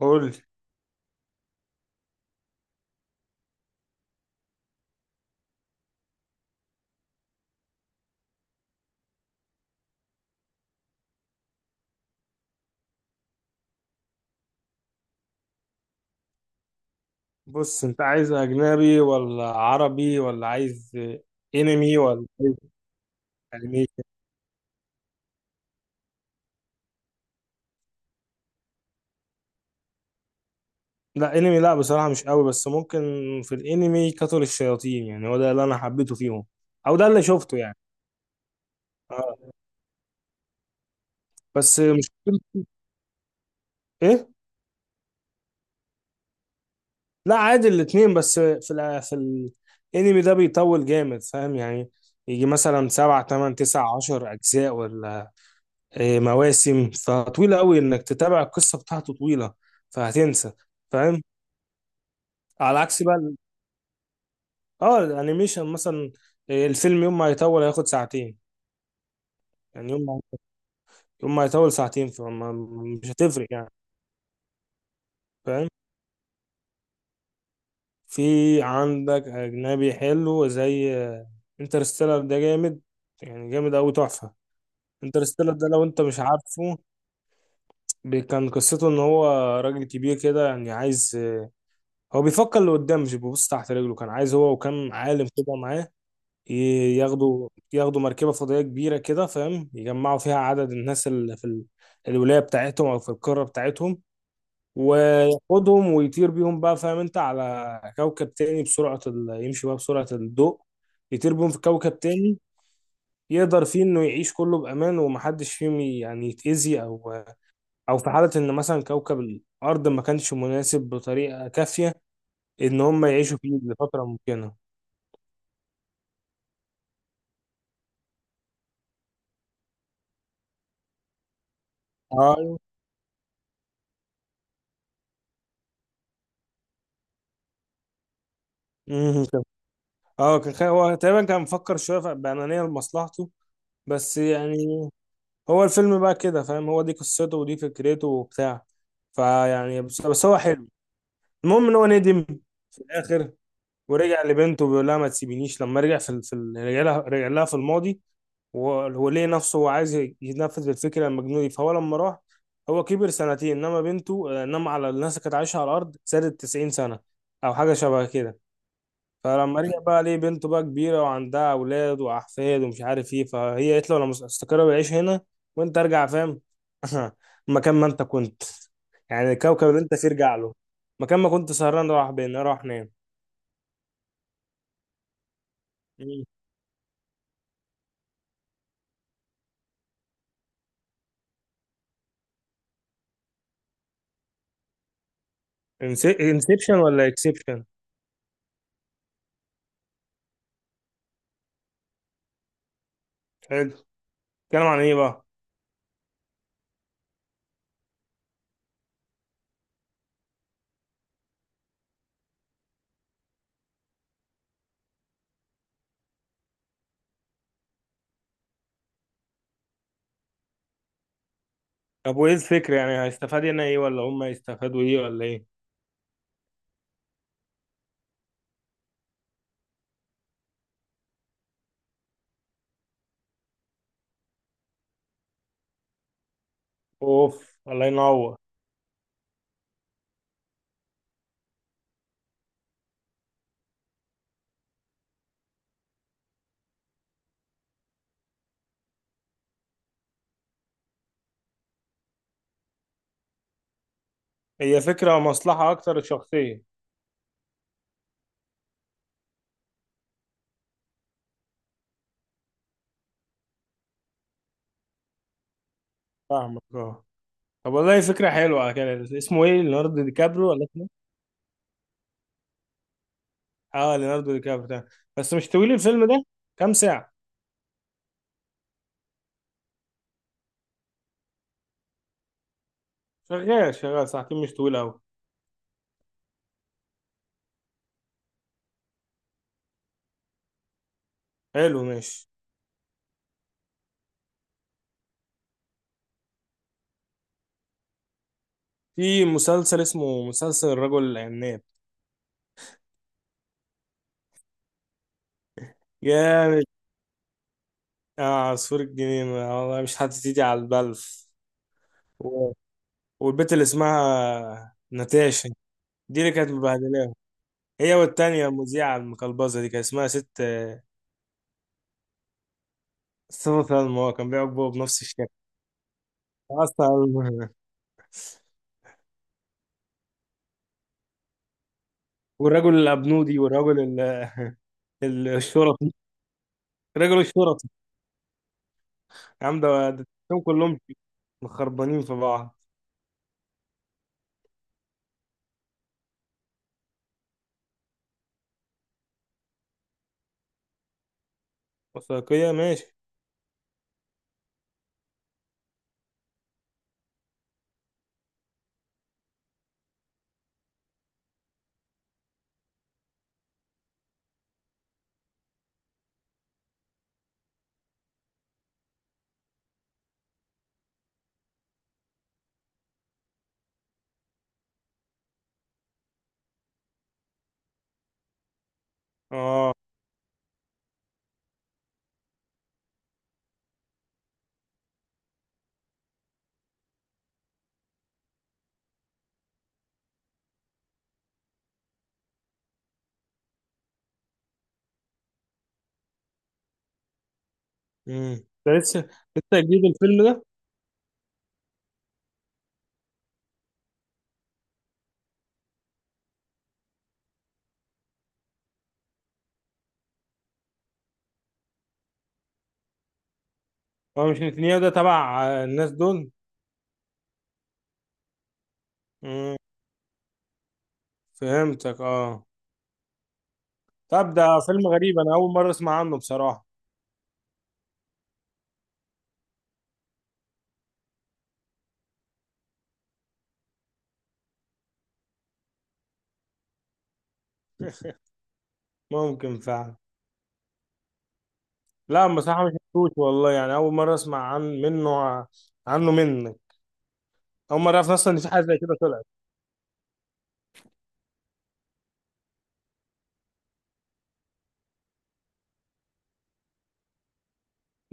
قول لي، بص انت عايز اجنبي ولا عربي ولا عايز انمي ولا عايز انيميشن؟ لا، انمي لا، بصراحة مش قوي، بس ممكن. في الانمي قتل الشياطين، يعني هو ده اللي انا حبيته فيهم، او ده اللي شفته يعني. اه، بس مش، ايه. لا، عادي الاتنين، بس في الانمي ده بيطول جامد، فاهم يعني. يجي مثلا سبعة تمن تسع عشر أجزاء ولا إيه، مواسم، فطويلة أوي إنك تتابع القصة بتاعته، طويلة فهتنسى فاهم. على عكس بقى اه الانيميشن مثلا. الفيلم يوم ما هيطول هياخد ساعتين، يعني يوم ما هيطول ساعتين، فما مش هتفرق يعني، فاهم. في عندك اجنبي حلو زي انترستيلر، ده جامد يعني، جامد قوي، تحفه. انترستيلر ده لو انت مش عارفه، كان قصته ان هو راجل كبير كده، يعني عايز، هو بيفكر لقدام، مش بيبص تحت رجله، كان عايز هو وكان عالم كده معاه ياخدوا مركبة فضائية كبيرة كده، فاهم، يجمعوا فيها عدد الناس اللي في الولاية بتاعتهم أو في القارة بتاعتهم، وياخدهم ويطير بيهم بقى، فاهم، أنت على كوكب تاني بسرعة يمشي بقى بسرعة الضوء، يطير بيهم في كوكب تاني يقدر فيه إنه يعيش كله بأمان، ومحدش فيهم يعني يتأذي، أو في حالة إن مثلا كوكب الأرض ما كانش مناسب بطريقة كافية إن هم يعيشوا فيه لفترة ممكنة. اه اه كان هو تقريبا كان مفكر شويه بأنانية لمصلحته، بس يعني هو الفيلم بقى كده، فاهم، هو دي قصته ودي فكرته وبتاع. فيعني بس هو حلو. المهم ان هو ندم في الاخر، ورجع لبنته بيقول لها ما تسيبينيش، لما رجع رجع لها في الماضي، وهو ليه نفسه، هو عايز ينفذ الفكره المجنونه دي. فهو لما راح، هو كبر سنتين، انما بنته، انما على الناس اللي كانت عايشه على الارض، زادت 90 سنه او حاجه شبه كده. فلما رجع بقى ليه، بنته بقى كبيرة وعندها أولاد وأحفاد ومش عارف إيه، فهي قالت له أنا استقر بعيش هنا، وأنت أرجع فاهم. مكان ما أنت كنت، يعني الكوكب اللي أنت فيه ارجع له، مكان ما كنت سهران راح، بين راح نام. انسبشن ولا اكسبشن؟ حلو. اتكلم عن ايه بقى؟ طب وايه الفكرة؟ يعني هيستفاد هنا ايه، ولا هم هيستفادوا ايه، ولا ايه؟ اوف. الله ينور. هي فكرة مصلحة اكتر، شخصية. فاهمك، اه. طب والله فكرة حلوة. على كده اسمه ايه، ليوناردو دي كابريو ولا؟ اه، ليوناردو دي كابريو ده. بس مش طويل الفيلم ده؟ كام ساعة؟ شغال، شغال ساعتين، مش طويل أوي. حلو، ماشي. في مسلسل اسمه مسلسل الرجل العناب. جامد. آه، عصفور الجنينة. والله مش هتيجي على البلف. و- والبت اللي اسمها ناتاشا، دي اللي كانت مبهدلاهم، هي والتانية المذيعة المقلبزة دي، كان اسمها ست صفة سلمى. هو كان بيعجبه بابا بنفس الشكل أصلا. والرجل الأبنودي، والرجل الشرطي، رجل الشرطي. يا عم، ده التلاتة كلهم مخربانين في بعض. وثائقية، ماشي. اه. امم ده لسه، جديد الفيلم ده؟ هو مش نتنياهو ده تبع الناس دول؟ امم فهمتك، اه. طب ده فيلم غريب، انا اول مرة اسمع عنه بصراحة. ممكن فعلا. لا، بصراحة مش شفتوش والله، يعني اول مرة اسمع عن منه عنه منك. اول مرة اعرف اصلا ان في حاجة زي كده طلعت.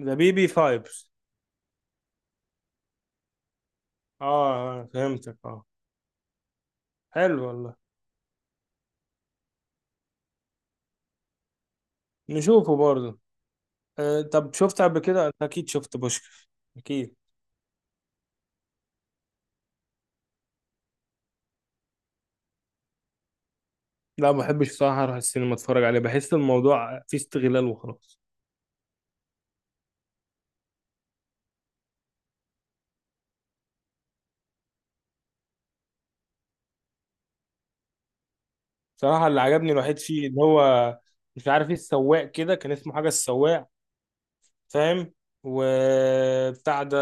ده بي بي فايبس. اه. فهمتك، اه. حلو والله. نشوفه برضه. طب شفت قبل كده؟ انت اكيد شفت بوشكاش، اكيد. لا، ما بحبش بصراحه اروح السينما اتفرج عليه، بحس الموضوع فيه استغلال وخلاص. بصراحه اللي عجبني الوحيد فيه، ان هو، مش عارف ايه، السواق كده، كان اسمه حاجه السواق، فاهم، وبتاع ده.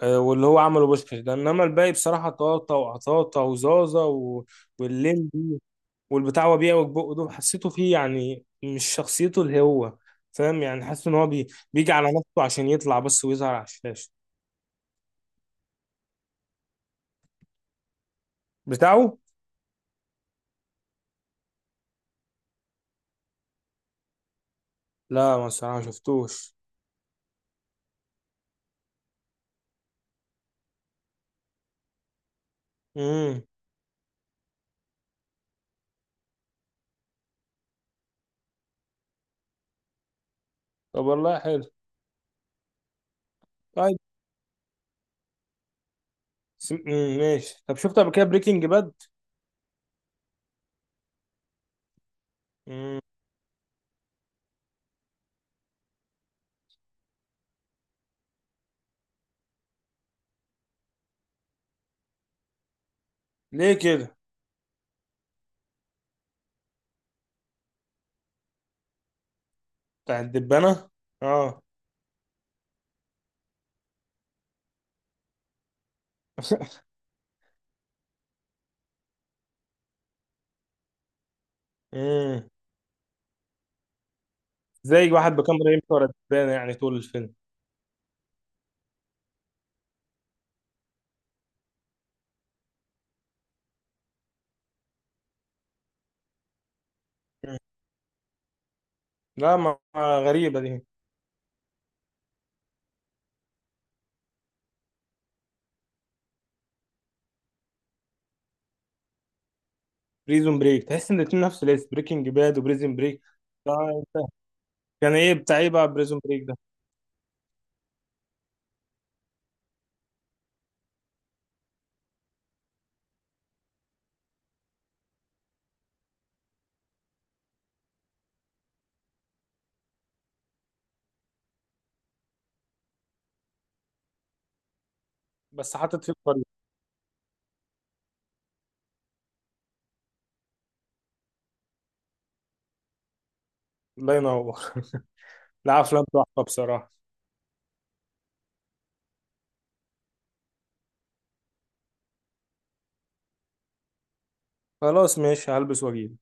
واللي هو عمله بوشكاش ده، انما الباقي بصراحه طاطا وعطاطا وزازا واللمبي والبتاع، هو بيعوج بقه، دول حسيته فيه يعني مش شخصيته اللي هو، فاهم يعني، حاسس ان هو بيجي على نفسه عشان يطلع بس ويظهر على الشاشه بتاعه. لا، ما الصراحة ما شفتوش. امم. طب والله حلو. طيب. سم... مم. ماشي. طب شفت قبل كده بريكنج باد؟ امم. ليه كده؟ بتاع الدبانة، اه. امم زي واحد بكاميرا يمشي ورا الدبانة يعني طول الفيلم. مم. لا، ما غريبة دي. بريزون بريك؟ تحس ان الاتنين نفس الاسم، بريكنج باد وبريزون بريك. كان ايه بتاع ايه بقى بريزون بريك ده؟ بس حاطط فيه الطريق. الله ينور. لا، افلام تحفة بصراحة. خلاص ماشي، هلبس واجيب.